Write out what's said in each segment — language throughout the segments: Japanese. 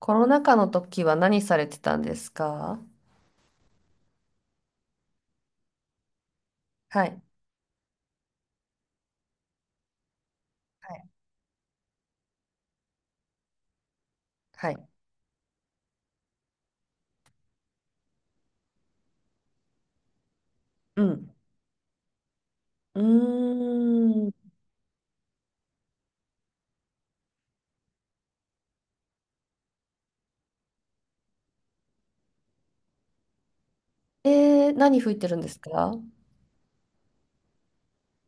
コロナ禍の時は何されてたんですか？はい。はい。はい。うん。うーん。えー、何吹いてるんですか？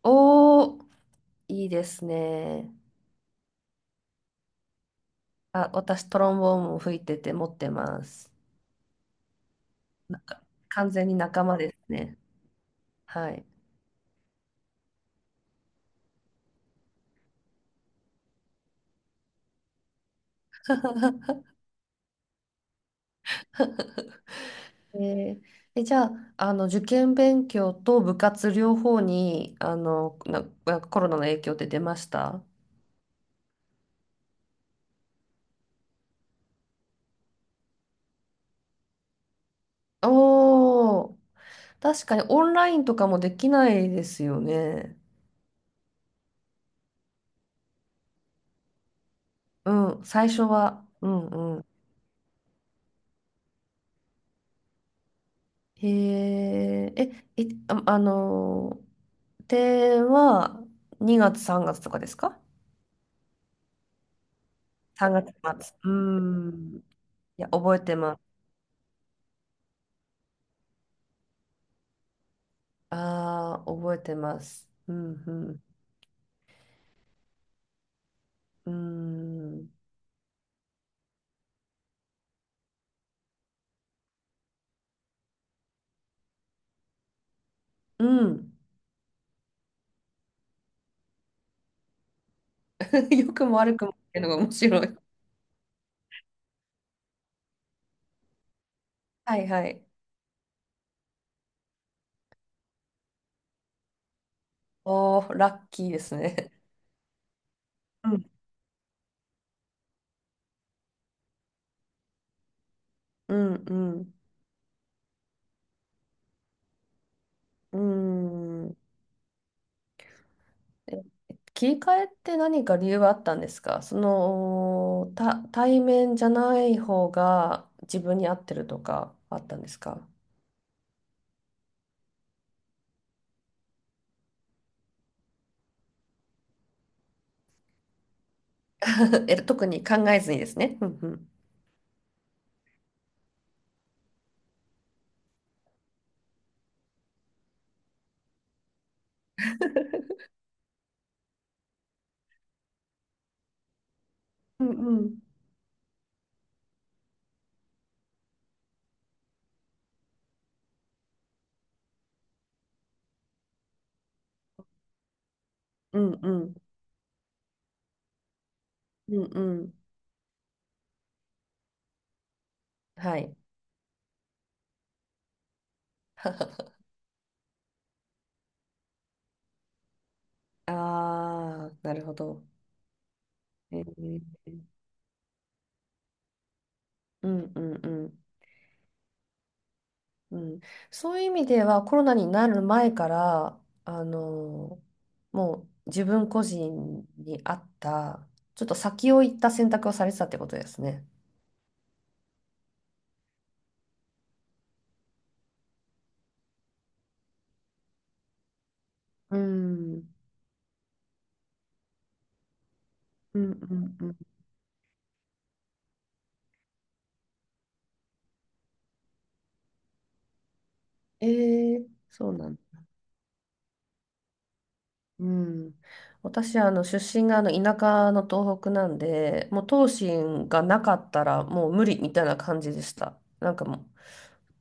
おー、いいですね。あ、私、トロンボーンも吹いてて持ってます。な完全に仲間ですね。はい。えーえ、じゃあ、受験勉強と部活両方に、あの、な、なコロナの影響って出ました？おー、確かにオンラインとかもできないですよね。うん、最初は。うんうん。へえ、あ、では2月、3月とかですか？ 3 月末？うーん。いや、覚えてます。ああ、覚えてます。うんうん。うーん。うん。良くも悪くもっていうのが面白い。はいはい。おー、ラッキーですね。うんうんうん。うーん。え切り替えって何か理由はあったんですか？その、対面じゃない方が自分に合ってるとかあったんですか？ え、特に考えずにですね。うんうん。うんうん。うんうん。うんうん。はい。ああ、なるほど。えーうんうんうん。うん、そういう意味ではコロナになる前からあのもう自分個人に合ったちょっと先を行った選択をされてたってことですね。うん、うんうんうん。えー、そうなんだ。うん、私出身があの田舎の東北なんで、もう東進がなかったらもう無理みたいな感じでした。なんか、もう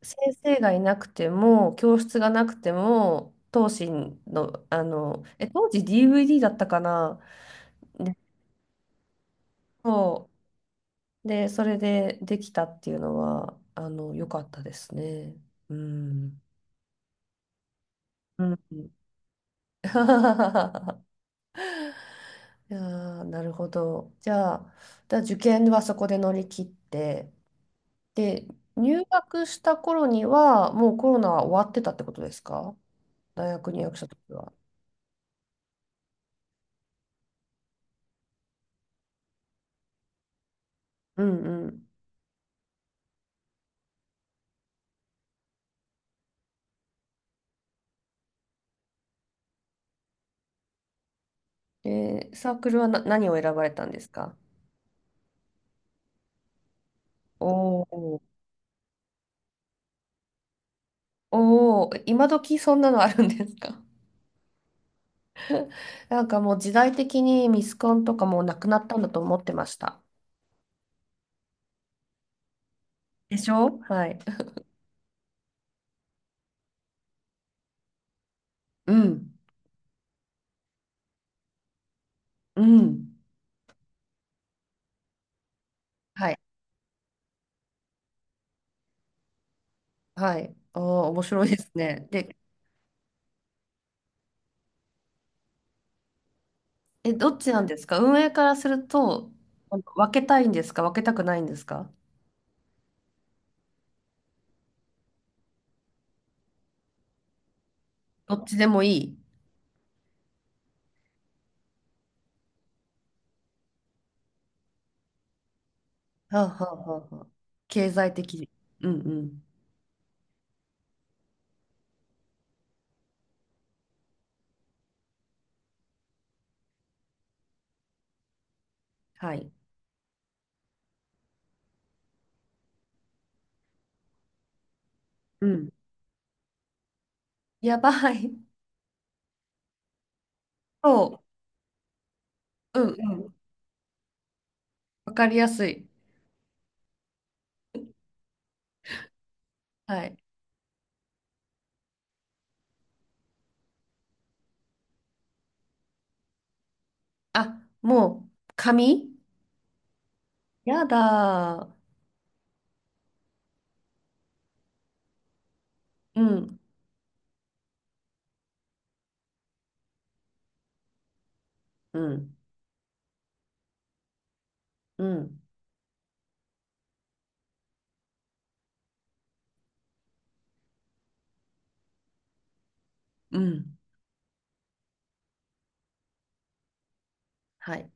先生がいなくても教室がなくても東進のあのえ当時 DVD だったかな。で、そうで、それでできたっていうのは良かったですね。うんうん。 いやー、なるほど。じゃあ、受験はそこで乗り切って、で、入学した頃には、もうコロナは終わってたってことですか？大学入学した時は。うんうん。で、サークルは何を選ばれたんですか？おおー、おー、今時そんなのあるんですか？ なんかもう時代的にミスコンとかもうなくなったんだと思ってました。でしょ？はい。うん。うん。はい。はい。おあ、面白いですね。で、え、どっちなんですか、運営からすると？分けたいんですか、分けたくないんですか？どっちでもいい。はあ、はあはあはあ、経済的。うんうん。はい。うん。やばい。そう。うんうん。わかりやすい。はい。あ、もう、紙。やだー。うん、うん、うん、うん。はい。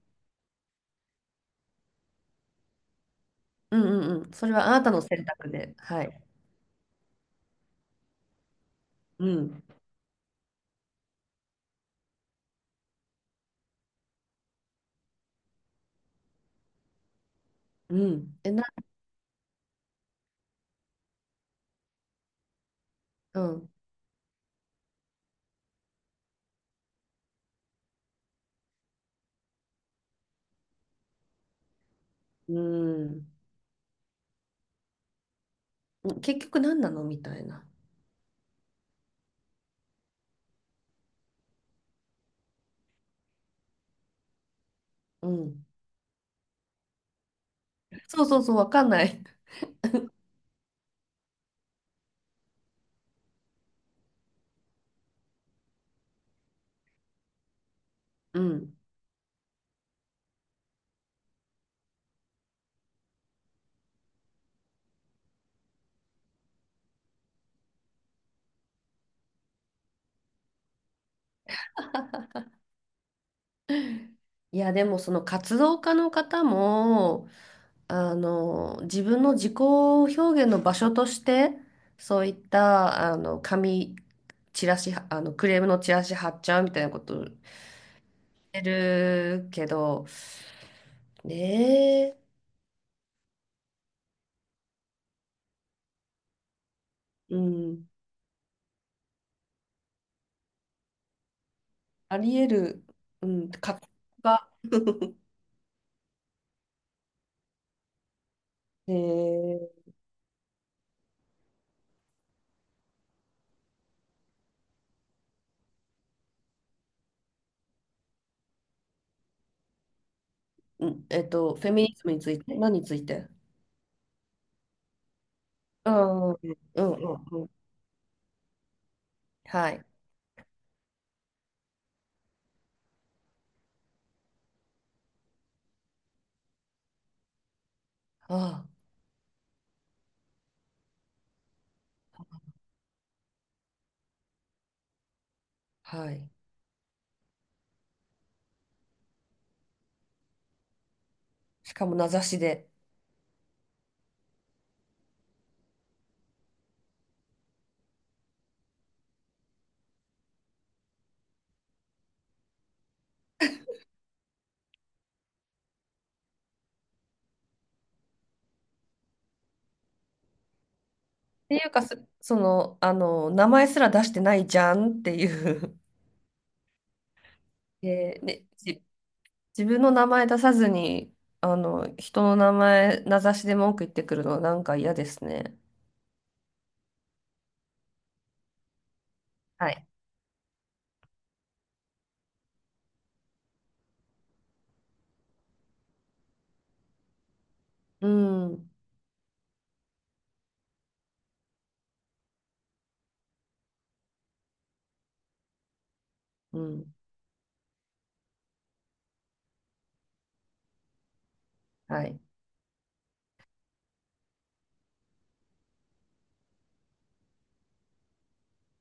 うんうんうん。それはあなたの選択で。はい。うん、うん。うん、うん。結局何なのみたいな。うん。そうそうそう、わかんない。うん。いや、でもその活動家の方も、自分の自己表現の場所として、そういった、紙、チラシ、クレームのチラシ貼っちゃうみたいなことしてるけど、ねえ。うん、あり得る。うん、活動が、えーうん、フェミニズムについて、何について？うん、うん、うん、うん。はい。ああ、はい。しかも名指しで。っていうか、その、名前すら出してないじゃんっていう。で、ね、自分の名前出さずに、人の名前、名指しで文句言ってくるのはなんか嫌ですね。はい。うん。うん。はい。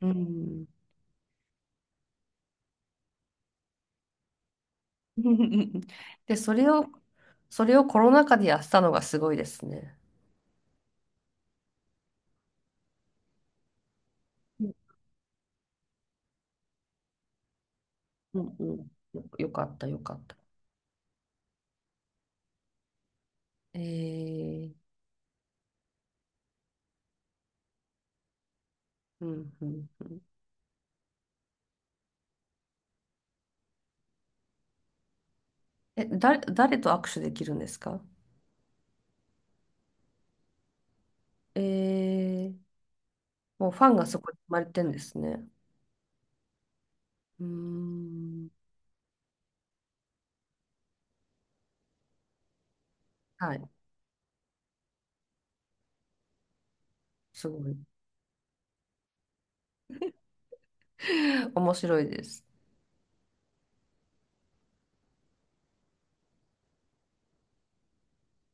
うん。で、それをコロナ禍でやったのがすごいですね。うんうんうん。よかった、よかった。えー、うん、うん、うん。え、誰と握手できるんですか？えー、もうファンがそこに生まれてんですね。うーん。はい。すごい。面白いです。